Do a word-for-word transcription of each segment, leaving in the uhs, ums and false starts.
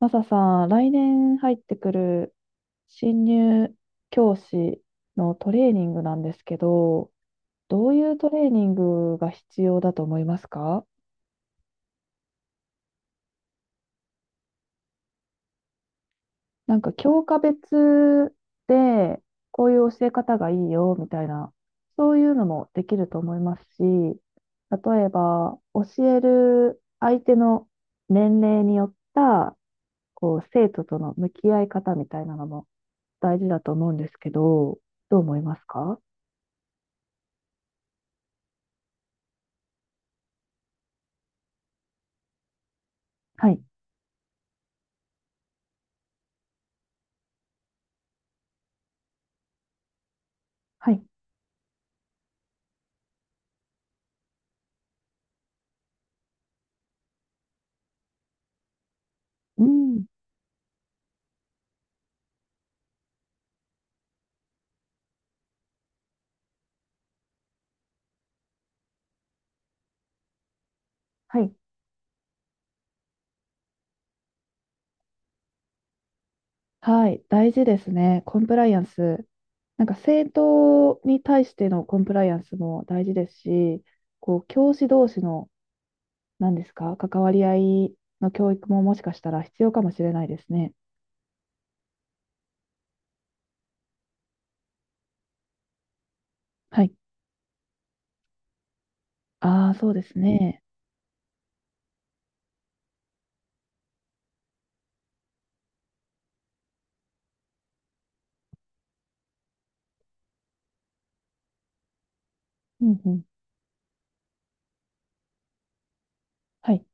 マサさん、来年入ってくる新入教師のトレーニングなんですけど、どういうトレーニングが必要だと思いますか？なんか教科別でこういう教え方がいいよみたいな、そういうのもできると思いますし、例えば教える相手の年齢によったこう生徒との向き合い方みたいなのも大事だと思うんですけど、どう思いますか？はい。はい。うん。はい。はい、大事ですね。コンプライアンス。なんか政党に対してのコンプライアンスも大事ですし、こう教師同士の何ですか、関わり合いの教育ももしかしたら必要かもしれないですね。はい。ああ、そうですね。うんうん。はい。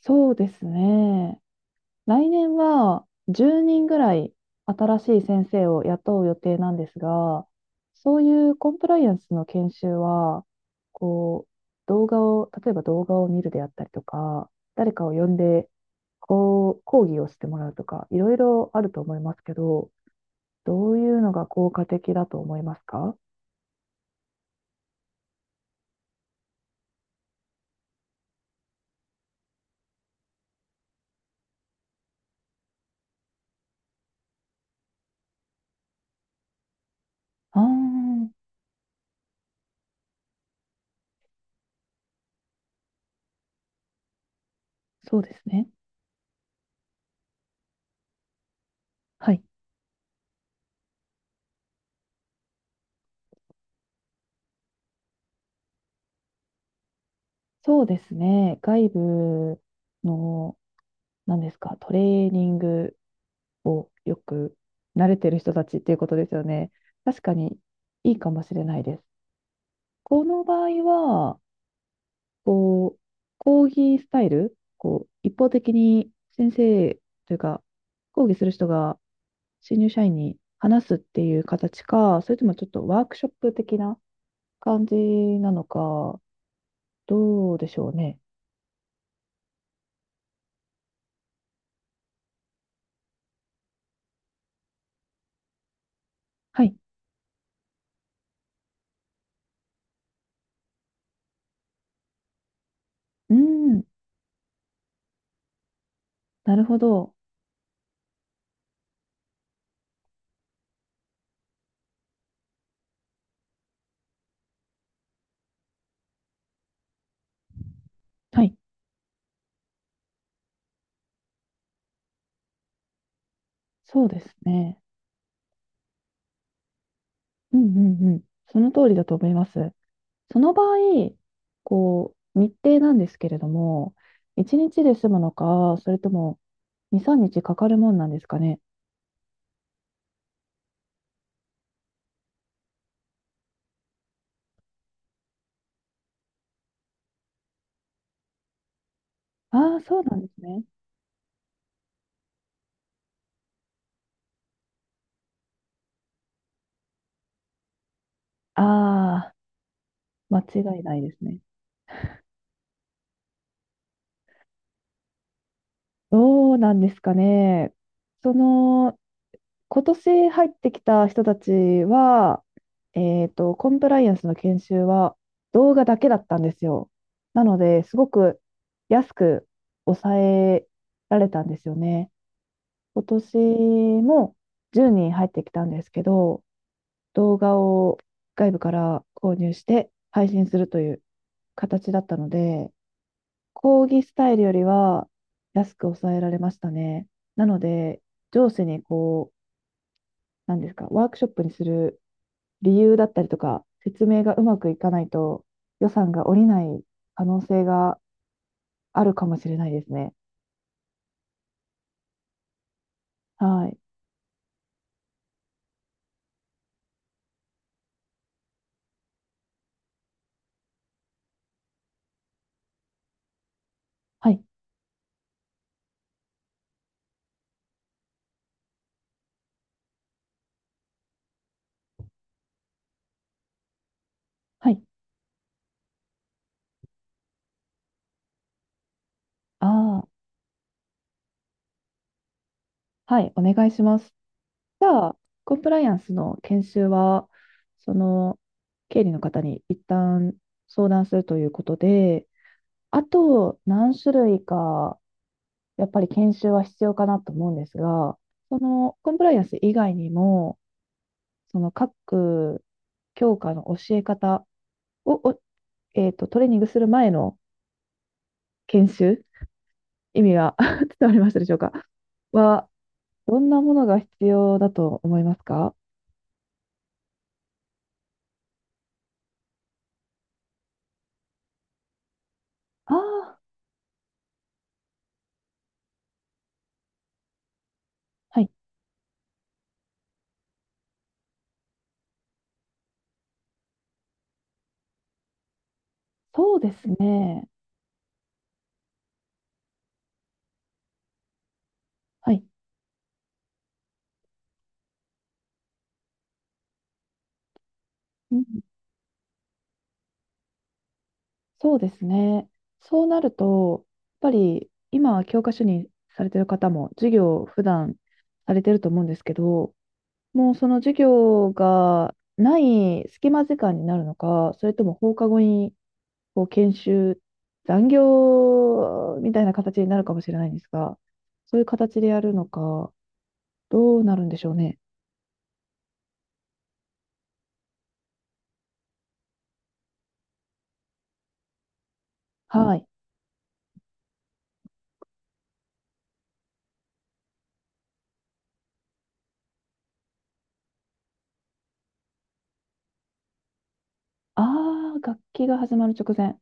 そうですね。来年はじゅうにんぐらい新しい先生を雇う予定なんですが、そういうコンプライアンスの研修は、こう、動画を、例えば動画を見るであったりとか、誰かを呼んで、こう、講義をしてもらうとか、いろいろあると思いますけど、どういうのが効果的だと思いますか？ああー、そうですね。はい。そうですね。外部の、何ですか、トレーニングをよく慣れてる人たちっていうことですよね。確かにいいかもしれないです。この場合は、こう、講義スタイル、こう、一方的に先生というか、講義する人が新入社員に話すっていう形か、それともちょっとワークショップ的な感じなのか、どうでしょうね。はい。うん。なるほど。はい。そうですね。うんうんうん。その通りだと思います。その場合、こう、日程なんですけれども、いちにちで済むのか、それともに、みっかかかかるもんなんですかね。ああ、そうなんですね。ああ、間違いないですね。どうなんですかね。その、今年入ってきた人たちは、えっと、コンプライアンスの研修は動画だけだったんですよ。なので、すごく安く抑えられたんですよね。今年もじゅうにん入ってきたんですけど、動画を外部から購入して配信するという形だったので、講義スタイルよりは安く抑えられましたね。なので、上司にこう、なんですか、ワークショップにする理由だったりとか、説明がうまくいかないと予算が下りない可能性があるかもしれないですね。はい。はい。はい。ああ、はい。お願いします。じゃあ、コンプライアンスの研修は、その、経理の方に一旦相談するということで、あと何種類か、やっぱり研修は必要かなと思うんですが、そのコンプライアンス以外にも、その各教科の教え方を、おえっと、トレーニングする前の研修、意味が 伝わりましたでしょうか？は、どんなものが必要だと思いますか？ああ、はい。そうですね。はい。うん、そうですね。そうなると、やっぱり今は教科書にされてる方も授業を普段されてると思うんですけど、もうその授業がない隙間時間になるのか、それとも放課後にこう研修、残業みたいな形になるかもしれないんですが、そういう形でやるのか、どうなるんでしょうね。はい。ああ、楽器が始まる直前。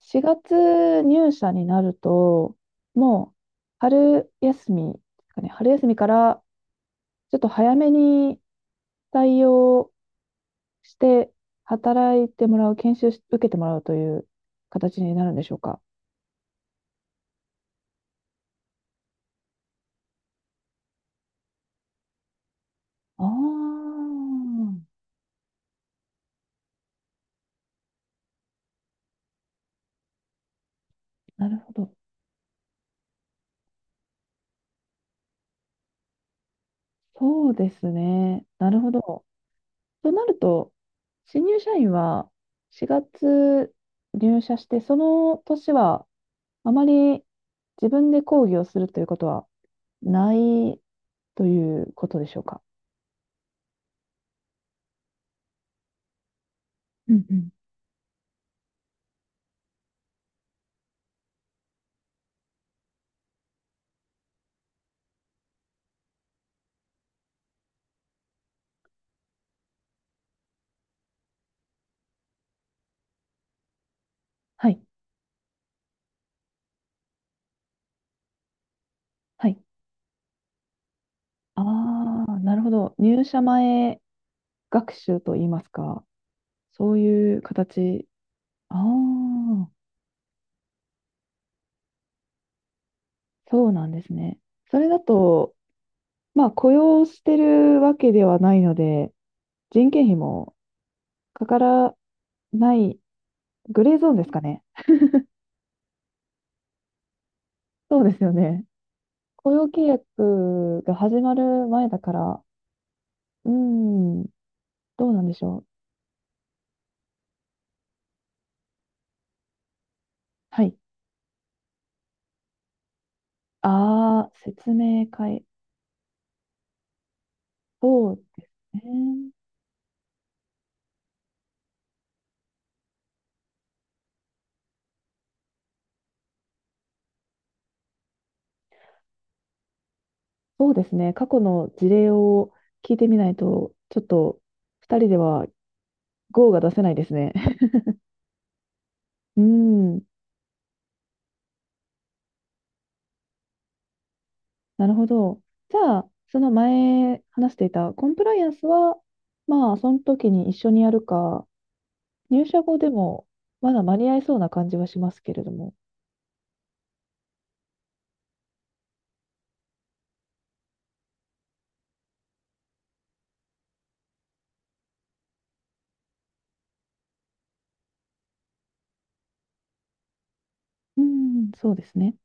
しがつ入社になると、もう春休みですかね、春休みからちょっと早めに対応して働いてもらう、研修し受けてもらうという形になるんでしょうか。ああ、なるほど。そうですね。なるほど。となると、新入社員はしがつ入社して、その年はあまり自分で講義をするということはないということでしょうか。うんうん。はい。はい。ああ、なるほど。入社前学習といいますか、そういう形。ああ、そうなんですね。それだと、まあ、雇用してるわけではないので、人件費もかからないグレーゾーンですかね。そうですよね。雇用契約が始まる前だから、うーん、どうなんでしょう。はい。ああ、説明会。そうですね。そうですね。過去の事例を聞いてみないと、ちょっと二人ではゴーが出せないですね。うーん、なるほど。じゃあ、その前話していたコンプライアンスは、まあ、その時に一緒にやるか、入社後でもまだ間に合いそうな感じはしますけれども。うん、そうですね。